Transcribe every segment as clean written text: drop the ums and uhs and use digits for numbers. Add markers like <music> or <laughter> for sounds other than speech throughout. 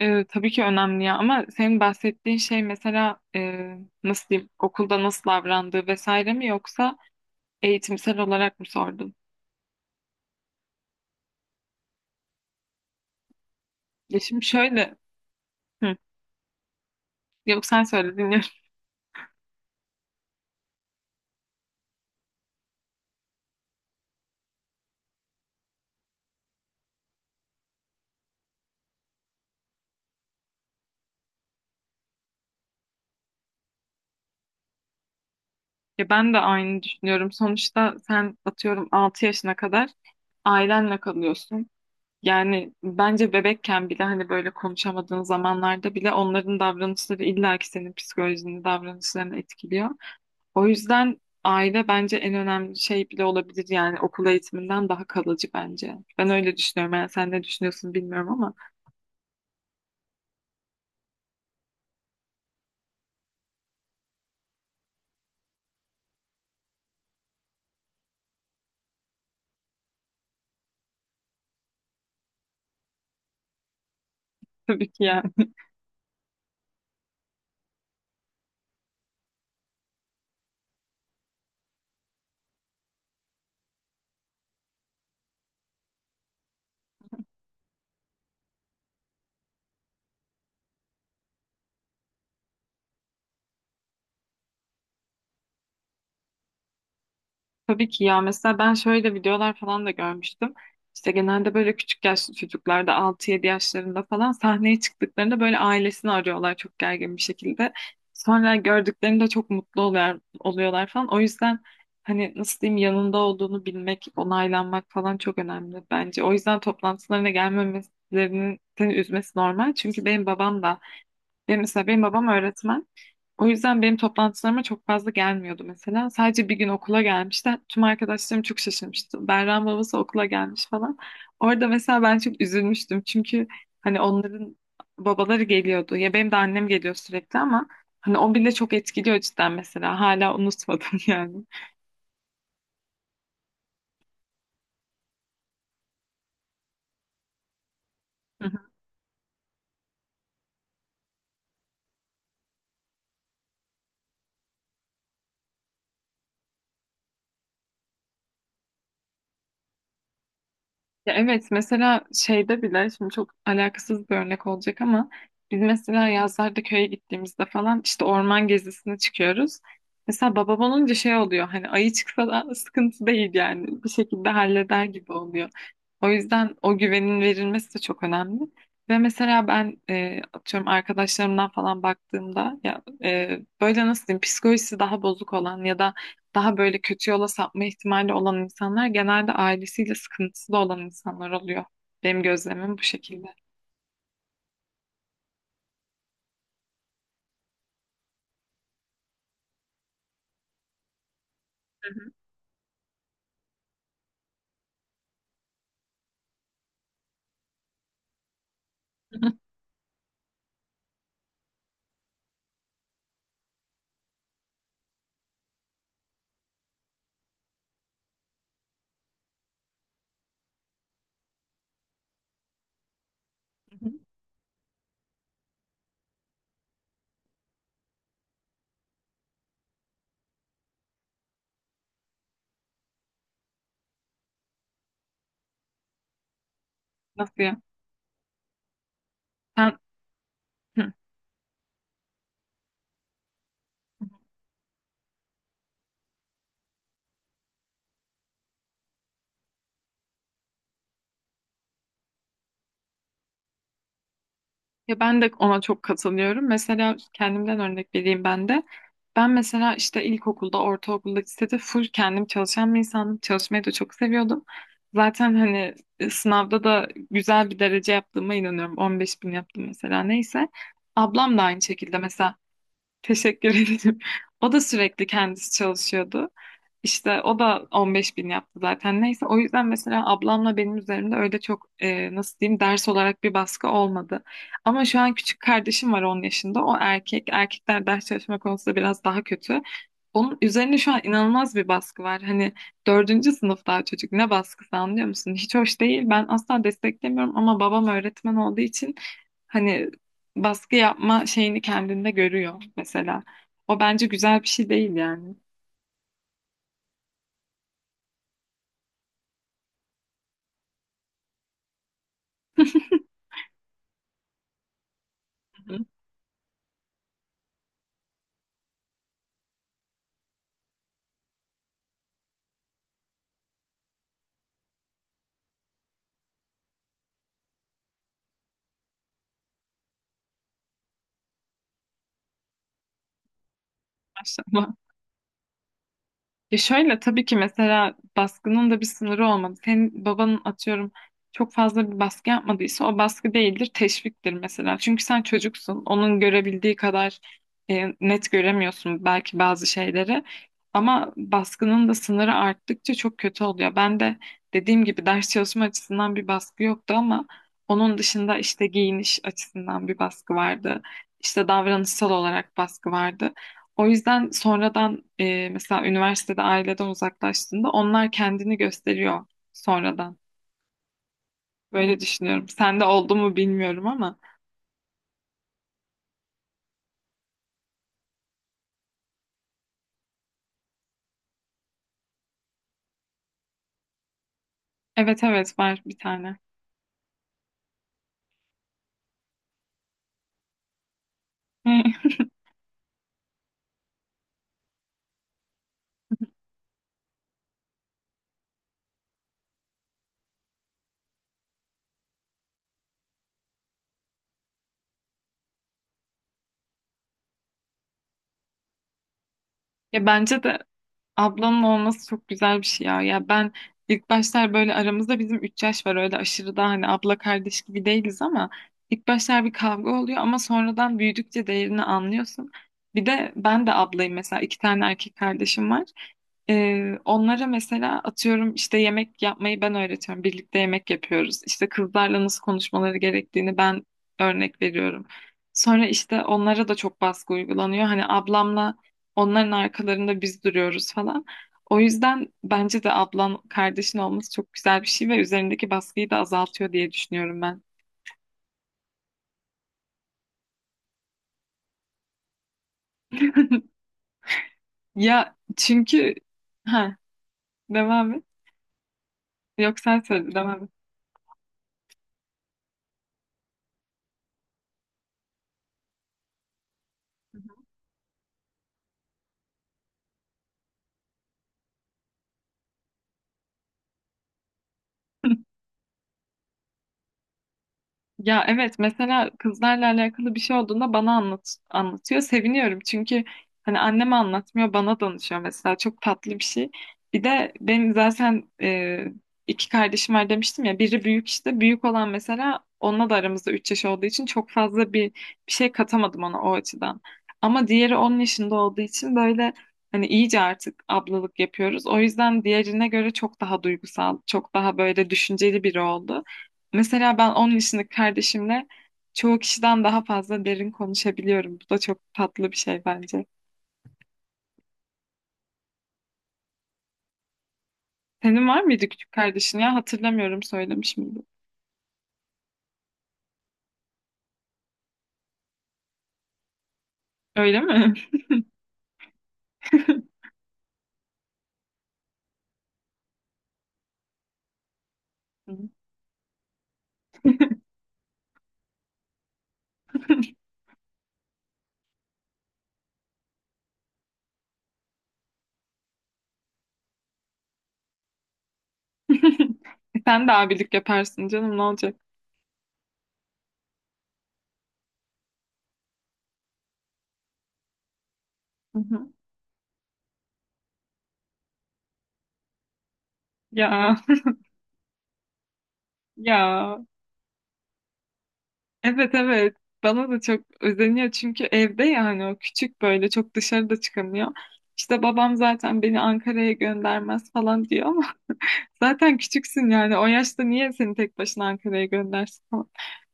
Tabii ki önemli ya, ama senin bahsettiğin şey mesela, nasıl diyeyim, okulda nasıl davrandığı vesaire mi, yoksa eğitimsel olarak mı sordun? Ya şimdi şöyle. hı, Yok, sen söyle, dinliyorum. <laughs> Ya ben de aynı düşünüyorum. Sonuçta sen atıyorum 6 yaşına kadar ailenle kalıyorsun. Yani bence bebekken bile, hani böyle konuşamadığın zamanlarda bile, onların davranışları illaki senin psikolojini, davranışlarını etkiliyor. O yüzden aile bence en önemli şey bile olabilir yani, okul eğitiminden daha kalıcı bence. Ben öyle düşünüyorum. Yani sen ne düşünüyorsun bilmiyorum ama. <laughs> Tabii ki yani. Tabii ki ya, mesela ben şöyle videolar falan da görmüştüm. İşte genelde böyle küçük yaşlı çocuklarda, altı yedi yaşlarında falan, sahneye çıktıklarında böyle ailesini arıyorlar çok gergin bir şekilde. Sonra gördüklerinde çok mutlu oluyor, oluyorlar falan. O yüzden, hani nasıl diyeyim, yanında olduğunu bilmek, onaylanmak falan çok önemli bence. O yüzden toplantılarına gelmemesinin seni üzmesi normal. Çünkü benim babam da, benim mesela, benim babam öğretmen. O yüzden benim toplantılarıma çok fazla gelmiyordu mesela. Sadece bir gün okula gelmişti. Tüm arkadaşlarım çok şaşırmıştı. Berra'nın babası okula gelmiş falan. Orada mesela ben çok üzülmüştüm. Çünkü hani onların babaları geliyordu. Ya benim de annem geliyor sürekli, ama hani o bile çok etkiliyor cidden mesela. Hala unutmadım <laughs> yani. Ya evet, mesela şeyde bile, şimdi çok alakasız bir örnek olacak ama, biz mesela yazlarda köye gittiğimizde falan işte orman gezisine çıkıyoruz. Mesela babam olunca şey oluyor, hani ayı çıksa da sıkıntı değil yani, bir şekilde halleder gibi oluyor. O yüzden o güvenin verilmesi de çok önemli. Ve mesela ben, atıyorum, arkadaşlarımdan falan baktığımda ya, böyle nasıl diyeyim, psikolojisi daha bozuk olan ya da daha böyle kötü yola sapma ihtimali olan insanlar, genelde ailesiyle sıkıntısı da olan insanlar oluyor. Benim gözlemim bu şekilde. Hı hı. Hı hı. Nasıl ya? Sen Hı. Ya ben de ona çok katılıyorum. Mesela kendimden örnek vereyim ben de. Ben mesela işte ilkokulda, ortaokulda, lisede full kendim çalışan bir insandım. Çalışmayı da çok seviyordum. Zaten hani, sınavda da güzel bir derece yaptığıma inanıyorum. 15 bin yaptım mesela, neyse. Ablam da aynı şekilde mesela. Teşekkür <laughs> ederim. O da sürekli kendisi çalışıyordu. İşte o da 15 bin yaptı zaten. Neyse, o yüzden mesela ablamla benim üzerimde öyle çok, nasıl diyeyim, ders olarak bir baskı olmadı. Ama şu an küçük kardeşim var, 10 yaşında. O erkek. Erkekler ders çalışma konusunda biraz daha kötü. Onun üzerine şu an inanılmaz bir baskı var. Hani dördüncü sınıf, daha çocuk, ne baskısı, anlıyor musun? Hiç hoş değil. Ben asla desteklemiyorum ama babam öğretmen olduğu için hani baskı yapma şeyini kendinde görüyor mesela. O bence güzel bir şey değil yani. <laughs> Hı. Maşallah. Ya şöyle, tabii ki mesela baskının da bir sınırı olmadı. Senin babanın atıyorum çok fazla bir baskı yapmadıysa, o baskı değildir, teşviktir mesela. Çünkü sen çocuksun. Onun görebildiği kadar, net göremiyorsun belki bazı şeyleri. Ama baskının da sınırı arttıkça çok kötü oluyor. Ben de, dediğim gibi, ders çalışma açısından bir baskı yoktu, ama onun dışında işte giyiniş açısından bir baskı vardı. İşte davranışsal olarak baskı vardı. O yüzden sonradan, mesela üniversitede aileden uzaklaştığında, onlar kendini gösteriyor sonradan. Böyle düşünüyorum. Sende oldu mu bilmiyorum ama. Evet evet, var bir tane. <laughs> Ya bence de ablanın olması çok güzel bir şey ya. Ya ben, ilk başlar, böyle aramızda bizim 3 yaş var, öyle aşırı da hani abla kardeş gibi değiliz ama, ilk başlar bir kavga oluyor ama sonradan büyüdükçe değerini anlıyorsun. Bir de ben de ablayım mesela, iki tane erkek kardeşim var. Onlara mesela atıyorum işte yemek yapmayı ben öğretiyorum. Birlikte yemek yapıyoruz. İşte kızlarla nasıl konuşmaları gerektiğini ben örnek veriyorum. Sonra işte onlara da çok baskı uygulanıyor. Hani ablamla onların arkalarında biz duruyoruz falan. O yüzden bence de ablan kardeşin olması çok güzel bir şey ve üzerindeki baskıyı da azaltıyor diye düşünüyorum ben. <laughs> Ya çünkü, ha, devam et. Yok, sen söyle, devam et. Ya evet, mesela kızlarla alakalı bir şey olduğunda bana anlatıyor. Seviniyorum çünkü hani anneme anlatmıyor, bana danışıyor mesela, çok tatlı bir şey. Bir de benim zaten, iki kardeşim var demiştim ya, biri büyük, işte büyük olan mesela, onunla da aramızda 3 yaş olduğu için çok fazla bir şey katamadım ona o açıdan. Ama diğeri 10 yaşında olduğu için böyle, hani iyice artık ablalık yapıyoruz. O yüzden diğerine göre çok daha duygusal, çok daha böyle düşünceli biri oldu. Mesela ben 10 yaşındaki kardeşimle çoğu kişiden daha fazla derin konuşabiliyorum. Bu da çok tatlı bir şey bence. Senin var mıydı küçük kardeşin ya? Hatırlamıyorum, söylemiş miydim? Öyle mi? <laughs> <laughs> Sen de abilik yaparsın canım, ne olacak? Hı hı. Ya <laughs> ya evet evet, bana da çok özeniyor çünkü evde, yani o küçük böyle, çok dışarıda çıkamıyor. İşte babam zaten, "Beni Ankara'ya göndermez" falan diyor. Zaten küçüksün yani, o yaşta niye seni tek başına Ankara'ya göndersin falan.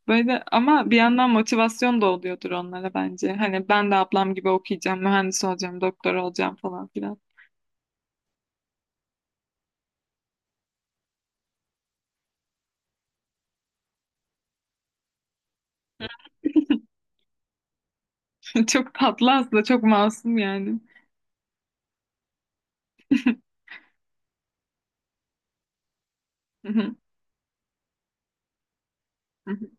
Böyle, ama bir yandan motivasyon da oluyordur onlara bence. Hani "Ben de ablam gibi okuyacağım, mühendis olacağım, doktor olacağım" falan filan. <laughs> Çok tatlı aslında, çok masum yani. <laughs> Hı hı, hı hı.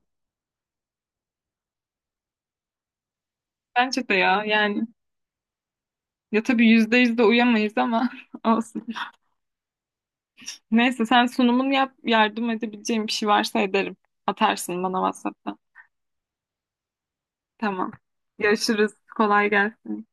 Bence de ya, yani, ya tabii %100 de uyamayız ama <laughs> olsun. Neyse, sen sunumunu yap, yardım edebileceğim bir şey varsa ederim. Atarsın bana WhatsApp'tan. Tamam. Görüşürüz. Kolay gelsin.